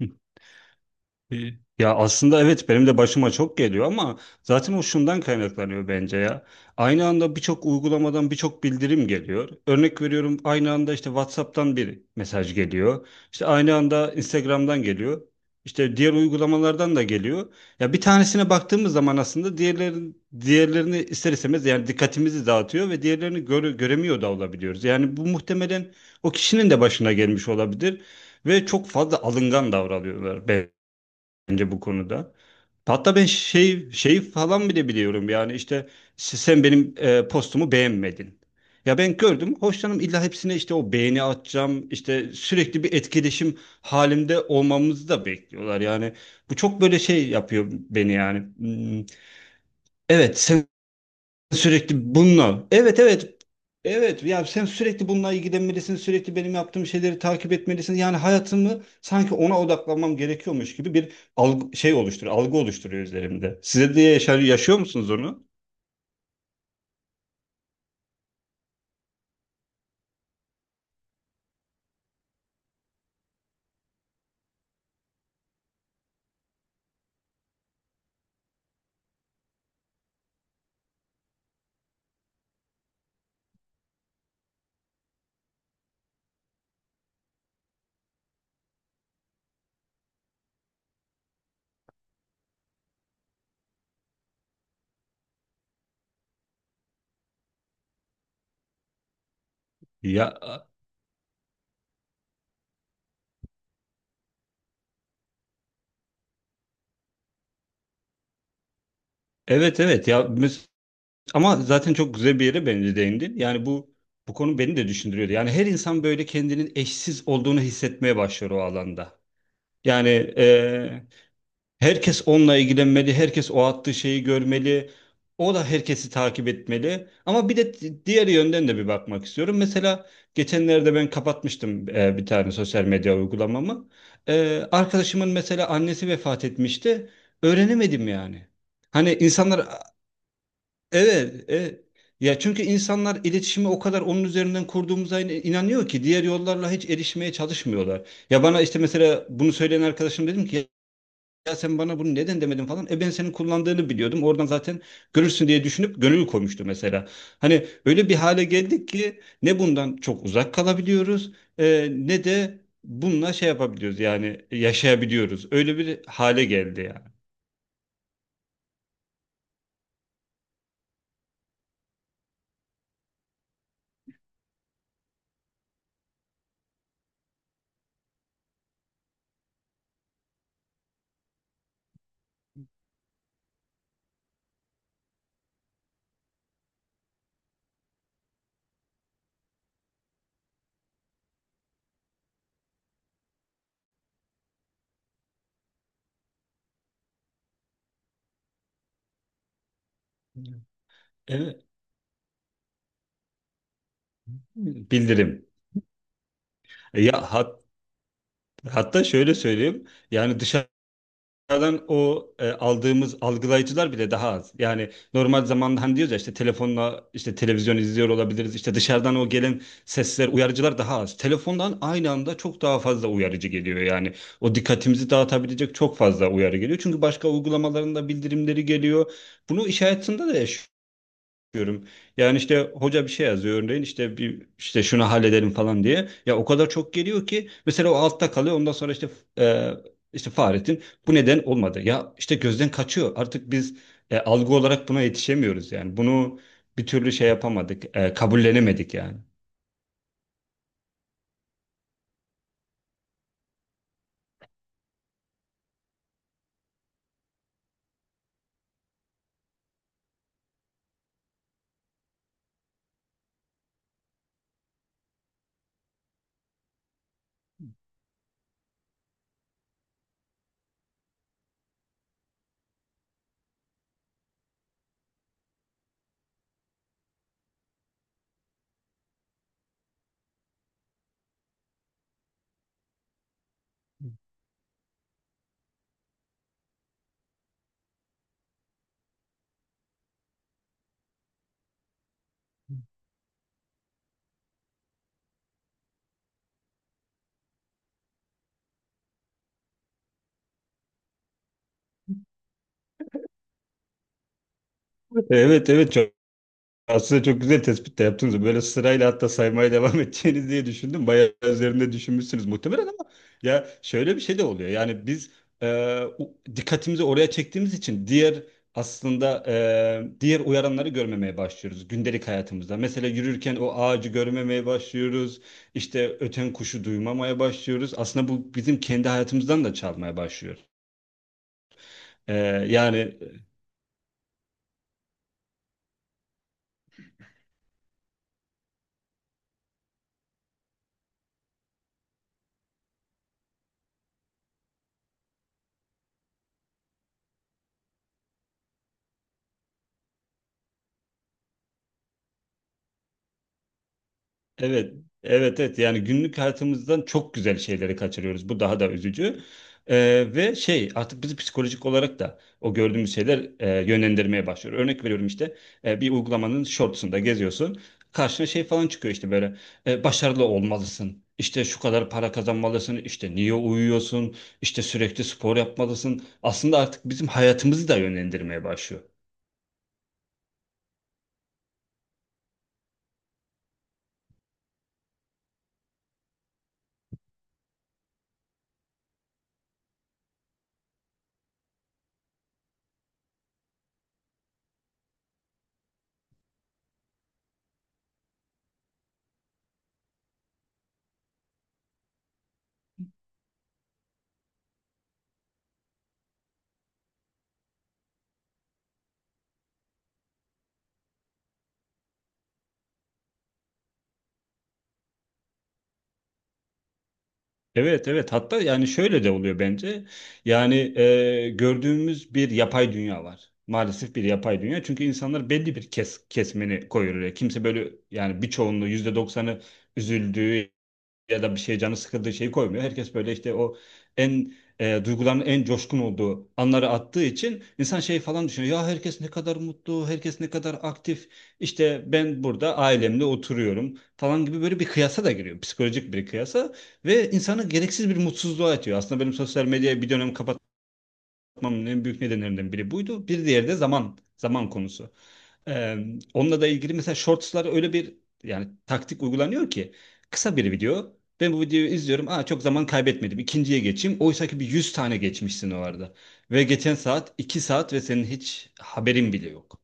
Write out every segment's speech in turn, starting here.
E, Ya aslında, evet, benim de başıma çok geliyor, ama zaten o şundan kaynaklanıyor bence ya. Aynı anda birçok uygulamadan birçok bildirim geliyor. Örnek veriyorum, aynı anda işte WhatsApp'tan bir mesaj geliyor. İşte aynı anda Instagram'dan geliyor. İşte diğer uygulamalardan da geliyor. Ya bir tanesine baktığımız zaman aslında diğerlerini ister istemez yani dikkatimizi dağıtıyor ve diğerlerini göremiyor da olabiliyoruz. Yani bu muhtemelen o kişinin de başına gelmiş olabilir ve çok fazla alıngan davranıyorlar bence bu konuda. Hatta ben şey falan bile biliyorum, yani işte sen benim postumu beğenmedin. Ya ben gördüm hoşlanım, illa hepsine işte o beğeni atacağım, işte sürekli bir etkileşim halinde olmamızı da bekliyorlar yani. Bu çok böyle şey yapıyor beni yani. Hmm. Evet, sen sürekli bununla. Evet, evet. Evet, ya sen sürekli bununla ilgilenmelisin. Sürekli benim yaptığım şeyleri takip etmelisin. Yani hayatımı sanki ona odaklanmam gerekiyormuş gibi bir algı, şey oluşturuyor. Algı oluşturuyor üzerimde. Size de yaşıyor musunuz onu? Ya evet, evet, ya ama zaten çok güzel bir yere bence değindin. Yani bu bu konu beni de düşündürüyordu. Yani her insan böyle kendinin eşsiz olduğunu hissetmeye başlıyor o alanda. Yani herkes onunla ilgilenmeli, herkes o attığı şeyi görmeli. O da herkesi takip etmeli. Ama bir de diğer yönden de bir bakmak istiyorum. Mesela geçenlerde ben kapatmıştım bir tane sosyal medya uygulamamı. E, arkadaşımın mesela annesi vefat etmişti. Öğrenemedim yani. Hani insanlar evet, evet. Ya çünkü insanlar iletişimi o kadar onun üzerinden kurduğumuza inanıyor ki diğer yollarla hiç erişmeye çalışmıyorlar. Ya bana işte mesela bunu söyleyen arkadaşım, dedim ki ya sen bana bunu neden demedin falan. E ben senin kullandığını biliyordum. Oradan zaten görürsün diye düşünüp gönül koymuştu mesela. Hani öyle bir hale geldik ki ne bundan çok uzak kalabiliyoruz ne de bununla şey yapabiliyoruz yani yaşayabiliyoruz. Öyle bir hale geldi yani. Evet. Bildirim. Ya hatta şöyle söyleyeyim. Yani dünyadan o aldığımız algılayıcılar bile daha az. Yani normal zamanda hani diyoruz ya, işte telefonla işte televizyon izliyor olabiliriz. İşte dışarıdan o gelen sesler, uyarıcılar daha az. Telefondan aynı anda çok daha fazla uyarıcı geliyor yani. O dikkatimizi dağıtabilecek çok fazla uyarı geliyor. Çünkü başka uygulamalarında bildirimleri geliyor. Bunu iş hayatında da yaşıyoruz diyorum. Yani işte hoca bir şey yazıyor örneğin, işte bir işte şunu halledelim falan diye. Ya o kadar çok geliyor ki mesela o altta kalıyor. Ondan sonra işte e, işte Fahrettin bu neden olmadı. Ya işte gözden kaçıyor. Artık biz algı olarak buna yetişemiyoruz yani. Bunu bir türlü şey yapamadık. Kabullenemedik yani. Evet, evet. Aslında çok güzel tespit de yaptınız. Böyle sırayla hatta saymaya devam edeceğiniz diye düşündüm. Bayağı üzerinde düşünmüşsünüz muhtemelen, ama ya şöyle bir şey de oluyor. Yani biz e, dikkatimizi oraya çektiğimiz için aslında, diğer uyaranları görmemeye başlıyoruz gündelik hayatımızda. Mesela yürürken o ağacı görmemeye başlıyoruz. İşte öten kuşu duymamaya başlıyoruz. Aslında bu bizim kendi hayatımızdan da çalmaya başlıyor. E, Yani. Evet, evet, evet. Yani günlük hayatımızdan çok güzel şeyleri kaçırıyoruz. Bu daha da üzücü. Ve şey artık bizi psikolojik olarak da o gördüğümüz şeyler yönlendirmeye başlıyor. Örnek veriyorum, işte bir uygulamanın shortsunda geziyorsun. Karşına şey falan çıkıyor, işte böyle başarılı olmalısın. İşte şu kadar para kazanmalısın. İşte niye uyuyorsun? İşte sürekli spor yapmalısın. Aslında artık bizim hayatımızı da yönlendirmeye başlıyor. Evet, evet, hatta yani şöyle de oluyor bence. Yani gördüğümüz bir yapay dünya var. Maalesef bir yapay dünya. Çünkü insanlar belli bir kesmeni koyuyor oraya. Kimse böyle yani birçoğunluğu %90'ı üzüldüğü ya da bir şey canı sıkıldığı şeyi koymuyor. Herkes böyle işte o en duyguların en coşkun olduğu anları attığı için insan şey falan düşünüyor. Ya herkes ne kadar mutlu, herkes ne kadar aktif. İşte ben burada ailemle oturuyorum falan gibi böyle bir kıyasa da giriyor. Psikolojik bir kıyasa ve insanı gereksiz bir mutsuzluğa atıyor. Aslında benim sosyal medyayı bir dönem yapmamın en büyük nedenlerinden biri buydu. Bir diğeri de zaman konusu. Ee, Onunla da ilgili, mesela shortslar öyle bir yani taktik uygulanıyor ki, kısa bir video. Ben bu videoyu izliyorum. Aa, çok zaman kaybetmedim. İkinciye geçeyim. Oysa ki bir 100 tane geçmişsin o arada. Ve geçen saat 2 saat ve senin hiç haberin bile yok.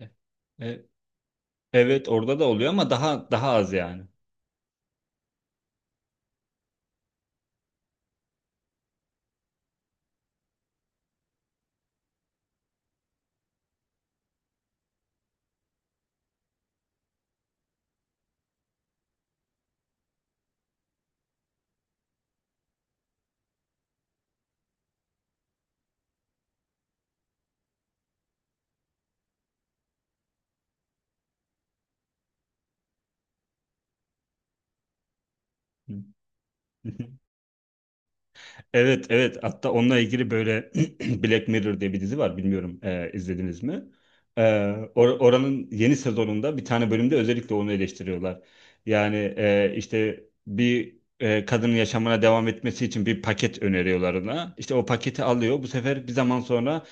E, e, Evet orada da oluyor ama daha daha az yani. Evet, evet, hatta onunla ilgili böyle Black Mirror diye bir dizi var, bilmiyorum izlediniz mi? E, Oranın yeni sezonunda bir tane bölümde özellikle onu eleştiriyorlar. Yani işte bir kadının yaşamına devam etmesi için bir paket öneriyorlar ona. İşte o paketi alıyor, bu sefer bir zaman sonra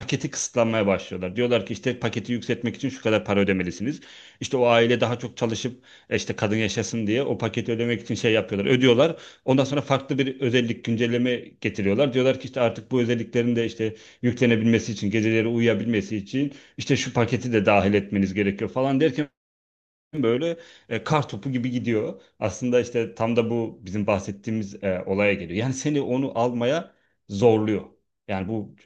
paketi kısıtlanmaya başlıyorlar. Diyorlar ki işte paketi yükseltmek için şu kadar para ödemelisiniz. İşte o aile daha çok çalışıp işte kadın yaşasın diye o paketi ödemek için şey yapıyorlar. Ödüyorlar. Ondan sonra farklı bir özellik, güncelleme getiriyorlar. Diyorlar ki işte artık bu özelliklerin de işte yüklenebilmesi için, geceleri uyuyabilmesi için işte şu paketi de dahil etmeniz gerekiyor falan derken böyle kar topu gibi gidiyor. Aslında işte tam da bu bizim bahsettiğimiz olaya geliyor. Yani seni onu almaya zorluyor. Yani bu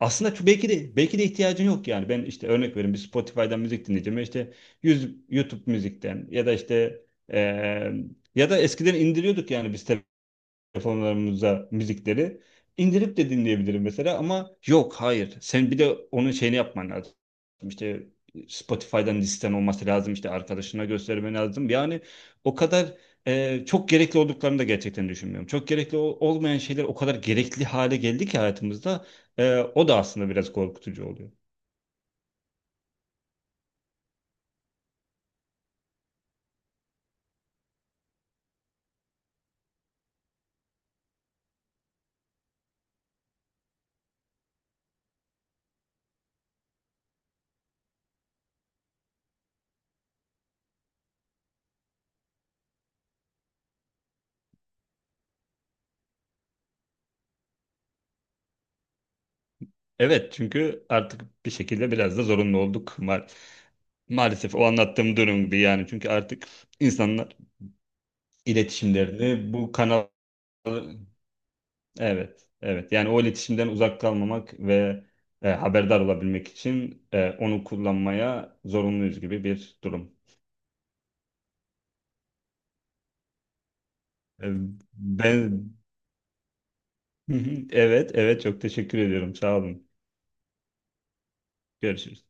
aslında çok, belki de ihtiyacın yok yani. Ben işte örnek vereyim, bir Spotify'dan müzik dinleyeceğim. İşte YouTube müzikten ya da işte e, ya da eskiden indiriyorduk yani biz telefonlarımıza müzikleri indirip de dinleyebilirim mesela, ama yok hayır, sen bir de onun şeyini yapman lazım, işte Spotify'dan listen olması lazım, işte arkadaşına göstermen lazım yani. O kadar çok gerekli olduklarını da gerçekten düşünmüyorum, çok gerekli olmayan şeyler o kadar gerekli hale geldi ki hayatımızda, o da aslında biraz korkutucu oluyor. Evet, çünkü artık bir şekilde biraz da zorunlu olduk, maalesef o anlattığım durum gibi, yani çünkü artık insanlar iletişimlerini bu kanal. Evet, evet. Yani o iletişimden uzak kalmamak ve haberdar olabilmek için onu kullanmaya zorunluyuz gibi bir durum. E, Ben evet, evet, çok teşekkür ediyorum. Sağ olun. Görüşürüz.